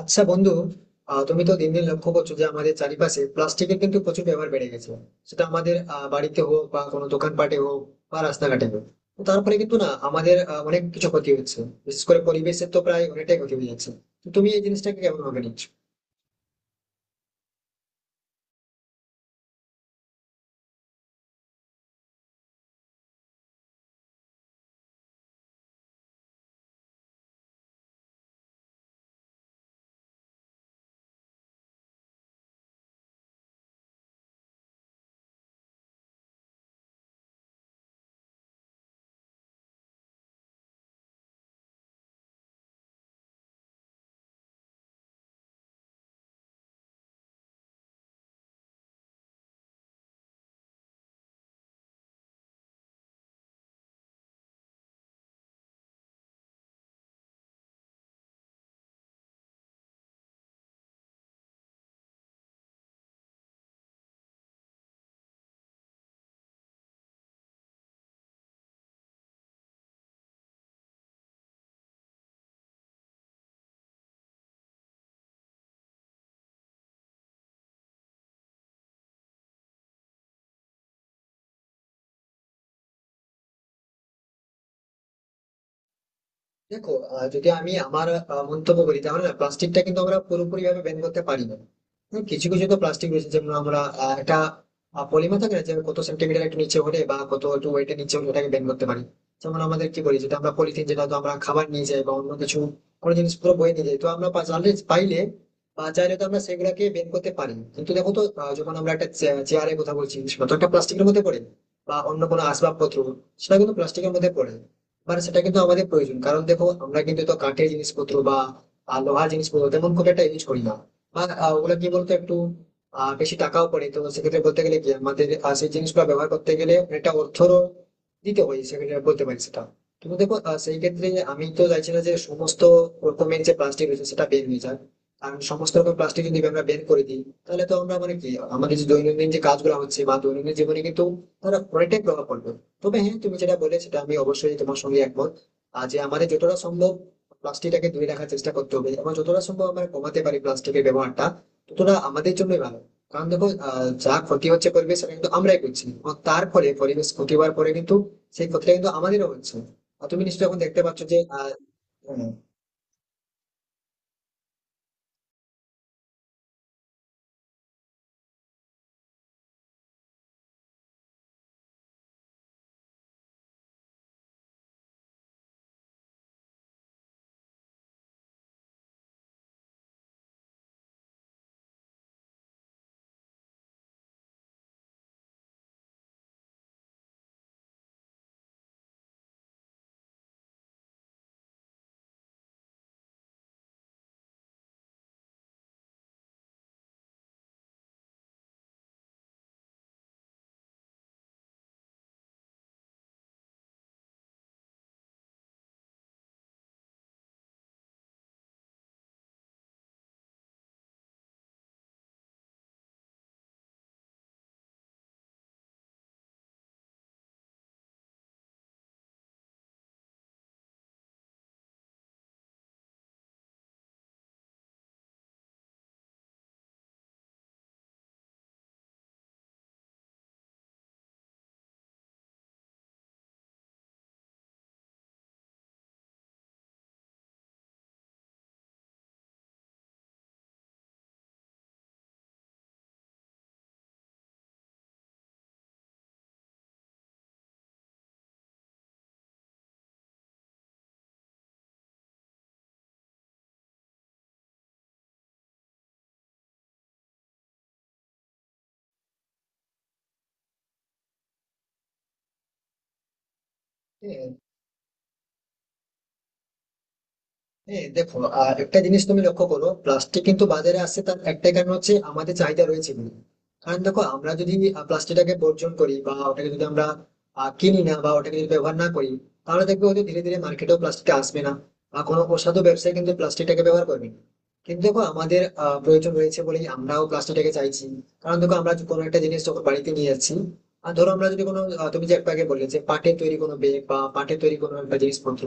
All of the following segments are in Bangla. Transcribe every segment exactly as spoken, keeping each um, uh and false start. আচ্ছা বন্ধু। আহ, তুমি তো দিন দিন লক্ষ্য করছো যে আমাদের চারিপাশে প্লাস্টিকের কিন্তু প্রচুর ব্যবহার বেড়ে গেছে। সেটা আমাদের আহ, বাড়িতে হোক বা কোনো দোকানপাটে হোক বা রাস্তাঘাটে হোক। তো তারপরে কিন্তু না আমাদের আহ, অনেক কিছু ক্ষতি হচ্ছে, বিশেষ করে পরিবেশের তো প্রায় অনেকটাই ক্ষতি হয়ে যাচ্ছে। তো তুমি এই জিনিসটাকে কেমন ভাবে নিচ্ছ? দেখো, আহ, যদি আমি আমার আহ, মন্তব্য করি তাহলে না প্লাস্টিকটা কিন্তু আমরা পুরোপুরি ভাবে ব্যান করতে পারি না। হুম, কিছু কিছু তো প্লাস্টিক রয়েছে, যেমন আমরা আহ, একটা পলিমার থাকে না যে কত সেন্টিমিটার একটু নিচে হলে বা কত একটু ওয়েটের নিচে হলে ওটাকে ব্যান করতে পারি। যেমন আমাদের কি করি যেটা আমরা পলিথিন, যেটা তো আমরা খাবার নিয়ে যাই বা অন্য কিছু কোনো জিনিস পুরো বয়ে নিয়ে যাই, তো আমরা পা- জানলে পাইলে বা চাইলে তো আমরা সেগুলাকে ব্যান করতে পারি। কিন্তু দেখো তো আহ, যখন আমরা একটা চেয়ারের কথা বলছি, সেটা তো একটা প্লাস্টিকের মধ্যে পড়ে, বা অন্য কোনো আসবাবপত্র সেটা কিন্তু প্লাস্টিকের মধ্যে পড়ে। মানে সেটা কিন্তু আমাদের প্রয়োজন, কারণ দেখো আমরা কিন্তু তো কাঠের জিনিসপত্র বা আহ, লোহার জিনিসপত্র তেমন খুব একটা ইউজ করি না, বা আহ, ওগুলো কি বলতো একটু আহ, বেশি টাকাও পড়ে। তো সেক্ষেত্রে বলতে গেলে কি আমাদের আহ, সেই জিনিসগুলো ব্যবহার করতে গেলে অনেকটা অর্থরও দিতে হয়, সেক্ষেত্রে বলতে পারি সেটা। কিন্তু দেখো আহ, সেই ক্ষেত্রে আমি তো চাইছি না যে সমস্ত রকমের যে প্লাস্টিক রয়েছে সেটা বের হয়ে যায়। কারণ সমস্ত রকম প্লাস্টিক যদি আমরা বের করে দিই তাহলে তো আমরা মানে কি আমাদের যে দৈনন্দিন যে কাজগুলো হচ্ছে বা দৈনন্দিন জীবনে কিন্তু তারা অনেকটাই প্রভাব পড়বে। তবে হ্যাঁ, তুমি যেটা বলে সেটা আমি অবশ্যই তোমার সঙ্গে একমত। আর যে আমাদের যতটা সম্ভব প্লাস্টিকটাকে দূরে রাখার চেষ্টা করতে হবে, এবং যতটা সম্ভব আমরা কমাতে পারি প্লাস্টিকের ব্যবহারটা ততটা আমাদের জন্যই ভালো। কারণ দেখো আহ, যা ক্ষতি হচ্ছে পরিবেশ, সেটা কিন্তু আমরাই করছি, এবং তার ফলে পরিবেশ ক্ষতি হওয়ার পরে কিন্তু সেই ক্ষতিটা কিন্তু আমাদেরও হচ্ছে। আর তুমি নিশ্চয়ই এখন দেখতে পাচ্ছ যে আহ, হ্যাঁ, হ্যাঁ দেখো, আহ, একটা জিনিস তুমি লক্ষ্য করো প্লাস্টিক কিন্তু বাজারে আসছে তার একটাই কারণ হচ্ছে আমাদের চাহিদা রয়েছে বলে। কারণ দেখো আমরা যদি প্লাস্টিকটাকে বর্জন করি বা ওটাকে যদি আমরা আহ, কিনি না বা ওটাকে যদি ব্যবহার না করি, তাহলে দেখবে হয়তো ধীরে ধীরে মার্কেটেও প্লাস্টিক আসবে না বা কোনো অসাধু ব্যবসায়ী কিন্তু প্লাস্টিকটাকে ব্যবহার করবে না। কিন্তু দেখো আমাদের আহ, প্রয়োজন রয়েছে বলেই আমরাও প্লাস্টিকটাকে চাইছি। কারণ দেখো আমরা যে কোনো একটা জিনিস যখন বাড়িতে নিয়ে যাচ্ছি, আর ধরো আমরা যদি কোনো আহ, তুমি যে একটু আগে বললে যে পাটের তৈরি কোনো ব্যাগ বা পাটের তৈরি কোনো একটা জিনিসপত্র,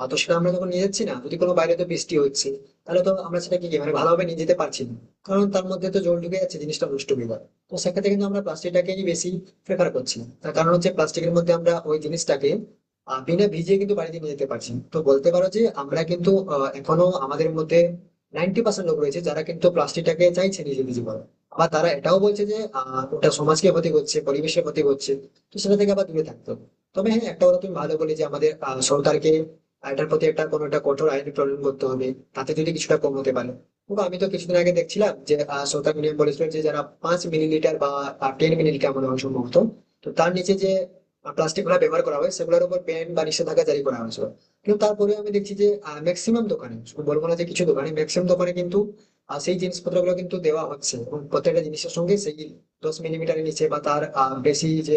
আর তো সেটা আমরা যখন নিয়ে যাচ্ছি না যদি কোনো বাইরে তো বৃষ্টি হচ্ছে, তাহলে তো আমরা সেটা কি মানে ভালোভাবে নিয়ে যেতে পারছি না, কারণ তার মধ্যে তো জল ঢুকে যাচ্ছে জিনিসটা নষ্ট হয়ে যাবে। তো সেক্ষেত্রে কিন্তু আমরা প্লাস্টিকটাকেই বেশি প্রেফার করছি, তার কারণ হচ্ছে প্লাস্টিকের মধ্যে আমরা ওই জিনিসটাকে আহ, বিনা ভিজিয়ে কিন্তু বাড়িতে নিয়ে যেতে পারছি। তো বলতে পারো যে আমরা কিন্তু আহ, এখনো আমাদের মধ্যে নাইনটি পার্সেন্ট লোক রয়েছে যারা কিন্তু প্লাস্টিকটাকে চাইছে নিজে নিজে করা। আবার তারা এটাও বলছে যে আহ ওটা সমাজকে ক্ষতি করছে পরিবেশের ক্ষতি করছে, তো সেটা থেকে আবার দূরে থাকতে হবে। তবে হ্যাঁ, একটা কথা তুমি ভালো বলে যে আমাদের আহ, সরকারকে এটার প্রতি একটা কোনো একটা কঠোর আইনি প্রণয়ন করতে হবে, তাতে যদি কিছুটা কম হতে পারে। তবু আমি তো কিছুদিন আগে দেখছিলাম যে আহ, সরকার নিয়ম বলেছিল যে যারা পাঁচ মিলিলিটার বা টেন মিলিলিটার মনে হয় সম্ভবত, তো তার নিচে যে প্লাস্টিক গুলা ব্যবহার করা হয় সেগুলোর উপর ব্যান বা নিষেধাজ্ঞা জারি করা হয়েছিল। কিন্তু তারপরে আমি দেখছি যে ম্যাক্সিমাম দোকানে, শুধু বলবো না যে কিছু দোকানে, ম্যাক্সিমাম দোকানে কিন্তু আহ, সেই জিনিসপত্র গুলো কিন্তু দেওয়া হচ্ছে, এবং প্রত্যেকটা জিনিসের সঙ্গে সেই দশ মিলিমিটারের নিচে বা তার আহ, বেশি যে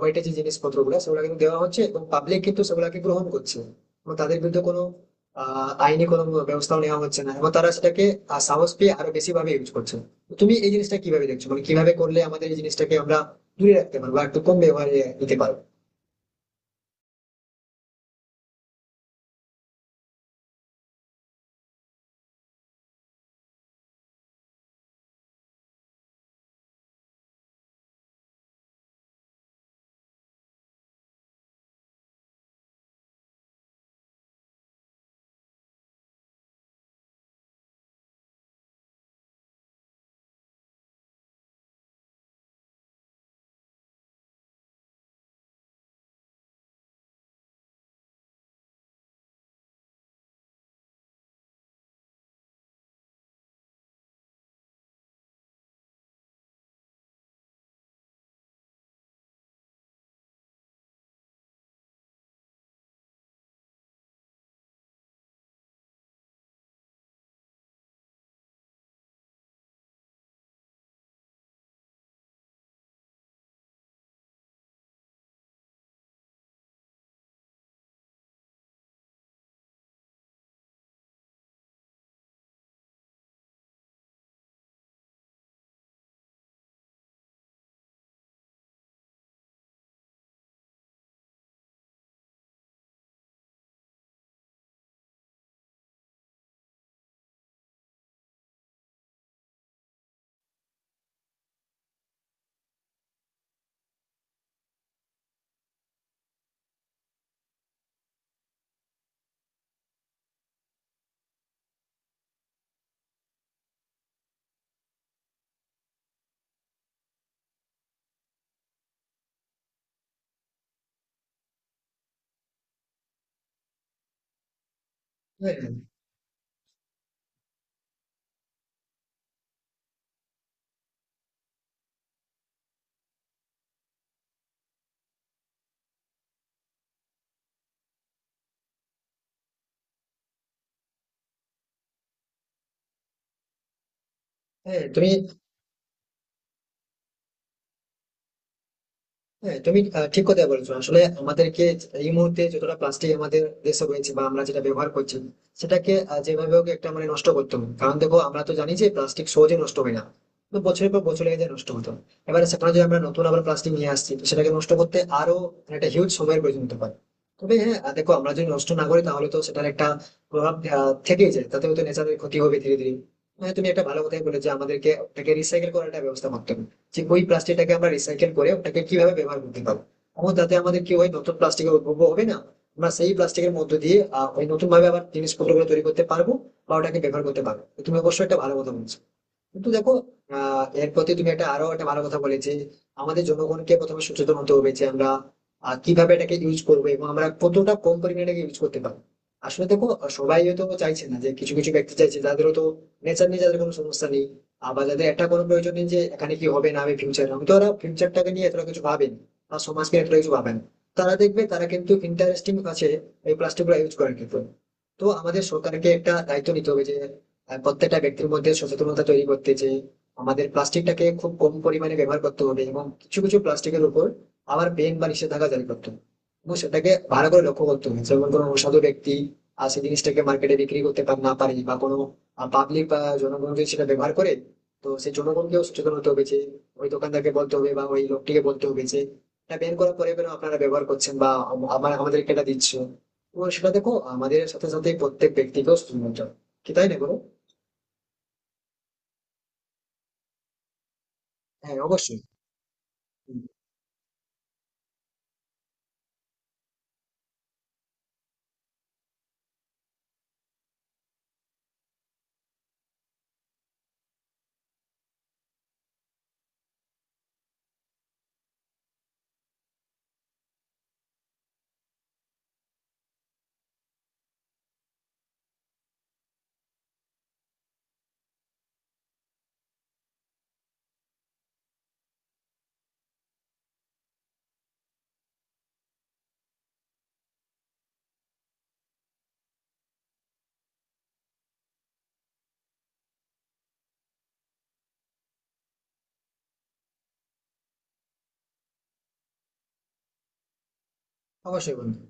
ওয়েটের যে জিনিসপত্র গুলো সেগুলো কিন্তু দেওয়া হচ্ছে এবং পাবলিক কিন্তু সেগুলাকে গ্রহণ করছে। এবং তাদের বিরুদ্ধে কোনো আহ, আইনি কোনো ব্যবস্থাও নেওয়া হচ্ছে না, এবং তারা সেটাকে আহ, সাহস পেয়ে আরো বেশি ভাবে ইউজ করছে। তো তুমি এই জিনিসটা কিভাবে দেখছো, মানে কিভাবে করলে আমাদের এই জিনিসটাকে আমরা দূরে রাখতে পারবো বা একটু কম ব্যবহারে নিতে পারবো? হ্যাঁ। হ্যাঁ তুমি হ্যাঁ তুমি আহ, ঠিক কথা বলেছো। আসলে আমাদেরকে এই মুহূর্তে যতটা প্লাস্টিক আমাদের দেশে রয়েছে বা আমরা যেটা ব্যবহার করছি সেটাকে আহ, যেভাবে হোক একটা মানে নষ্ট করতে হবে, কারণ দেখো আমরা তো জানি যে প্লাস্টিক সহজে নষ্ট হয় না, তো বছরের পর বছর লেগে যায় নষ্ট হতো। এবারে সেখানে যদি আমরা নতুন আবার প্লাস্টিক নিয়ে আসছি, তো সেটাকে নষ্ট করতে আরো মানে একটা হিউজ সময়ের প্রয়োজন হতে পারে। তবে হ্যাঁ, আহ, দেখো আমরা যদি নষ্ট না করি তাহলে তো সেটার একটা প্রভাব আহ, থেকেই যায়, তাতে হয়তো নেচারের ক্ষতি হবে ধীরে ধীরে। হ্যাঁ তুমি একটা ভালো কথাই বলে যে আমাদেরকে ওটাকে রিসাইকেল করার একটা ব্যবস্থা করতে হবে, যে ওই প্লাস্টিকটাকে আমরা রিসাইকেল করে ওটাকে কিভাবে ব্যবহার করতে পারবো, এবং তাতে আমাদের কি হয় নতুন প্লাস্টিকের উদ্ভব হবে না। আমরা সেই প্লাস্টিকের মধ্য দিয়ে আহ, ওই নতুন ভাবে আবার জিনিসপত্র গুলো তৈরি করতে পারবো বা ওটাকে ব্যবহার করতে পারবো। তো তুমি অবশ্যই একটা ভালো কথা বলছো। কিন্তু দেখো আহ এর প্রতি তুমি একটা আরো একটা ভালো কথা বলেছে। আমাদের জনগণকে প্রথমে সচেতন হতে হবে যে আমরা আহ, কিভাবে এটাকে ইউজ করবো এবং আমরা কতটা কম পরিমাণে এটাকে ইউজ করতে পারবো। আসলে দেখো আহ, সবাই হয়তো চাইছে না, যে কিছু কিছু ব্যক্তি চাইছে যাদের তো নেচার নিয়ে যাদের কোনো সমস্যা নেই। আবার যাদের একটা কোনো প্রয়োজন নেই যে এখানে কি হবে না হবে ফিউচার, আমি তো ওরা ফিউচারটাকে নিয়ে এতটা কিছু ভাবেন বা সমাজকে এতটা কিছু ভাবেন। তারা দেখবে তারা কিন্তু ইন্টারেস্টিং আছে এই প্লাস্টিক গুলো ইউজ করার ক্ষেত্রে। তো আমাদের সরকারকে একটা দায়িত্ব নিতে হবে যে আহ, প্রত্যেকটা ব্যক্তির মধ্যে সচেতনতা তৈরি করতে, যে আমাদের প্লাস্টিকটাকে খুব কম পরিমাণে ব্যবহার করতে হবে এবং কিছু কিছু প্লাস্টিকের উপর আবার বেন বা নিষেধাজ্ঞা জারি করতে হবে। এবং সেটাকে ভালো করে লক্ষ্য করতে হবে, যেমন কোনো অসাধু ব্যক্তি আর সেই জিনিসটাকে মার্কেটে বিক্রি করতে পার না পারে, বা কোনো পাবলিক বা জনগণ যদি সেটা ব্যবহার করে তো সেই জনগণকেও সচেতন হতে হবে যে ওই দোকানদারকে বলতে হবে বা ওই লোকটিকে বলতে হবে যে এটা বের করার পরে কেন আপনারা ব্যবহার করছেন বা আম- আমার আমাদেরকে এটা দিচ্ছ। তো সেটা দেখো আমাদের সাথে সাথে প্রত্যেক ব্যক্তিকেও সচেতন হতে হবে, কি তাই না বলো? হ্যাঁ অবশ্যই। হুম, অবশ্যই বন্ধু।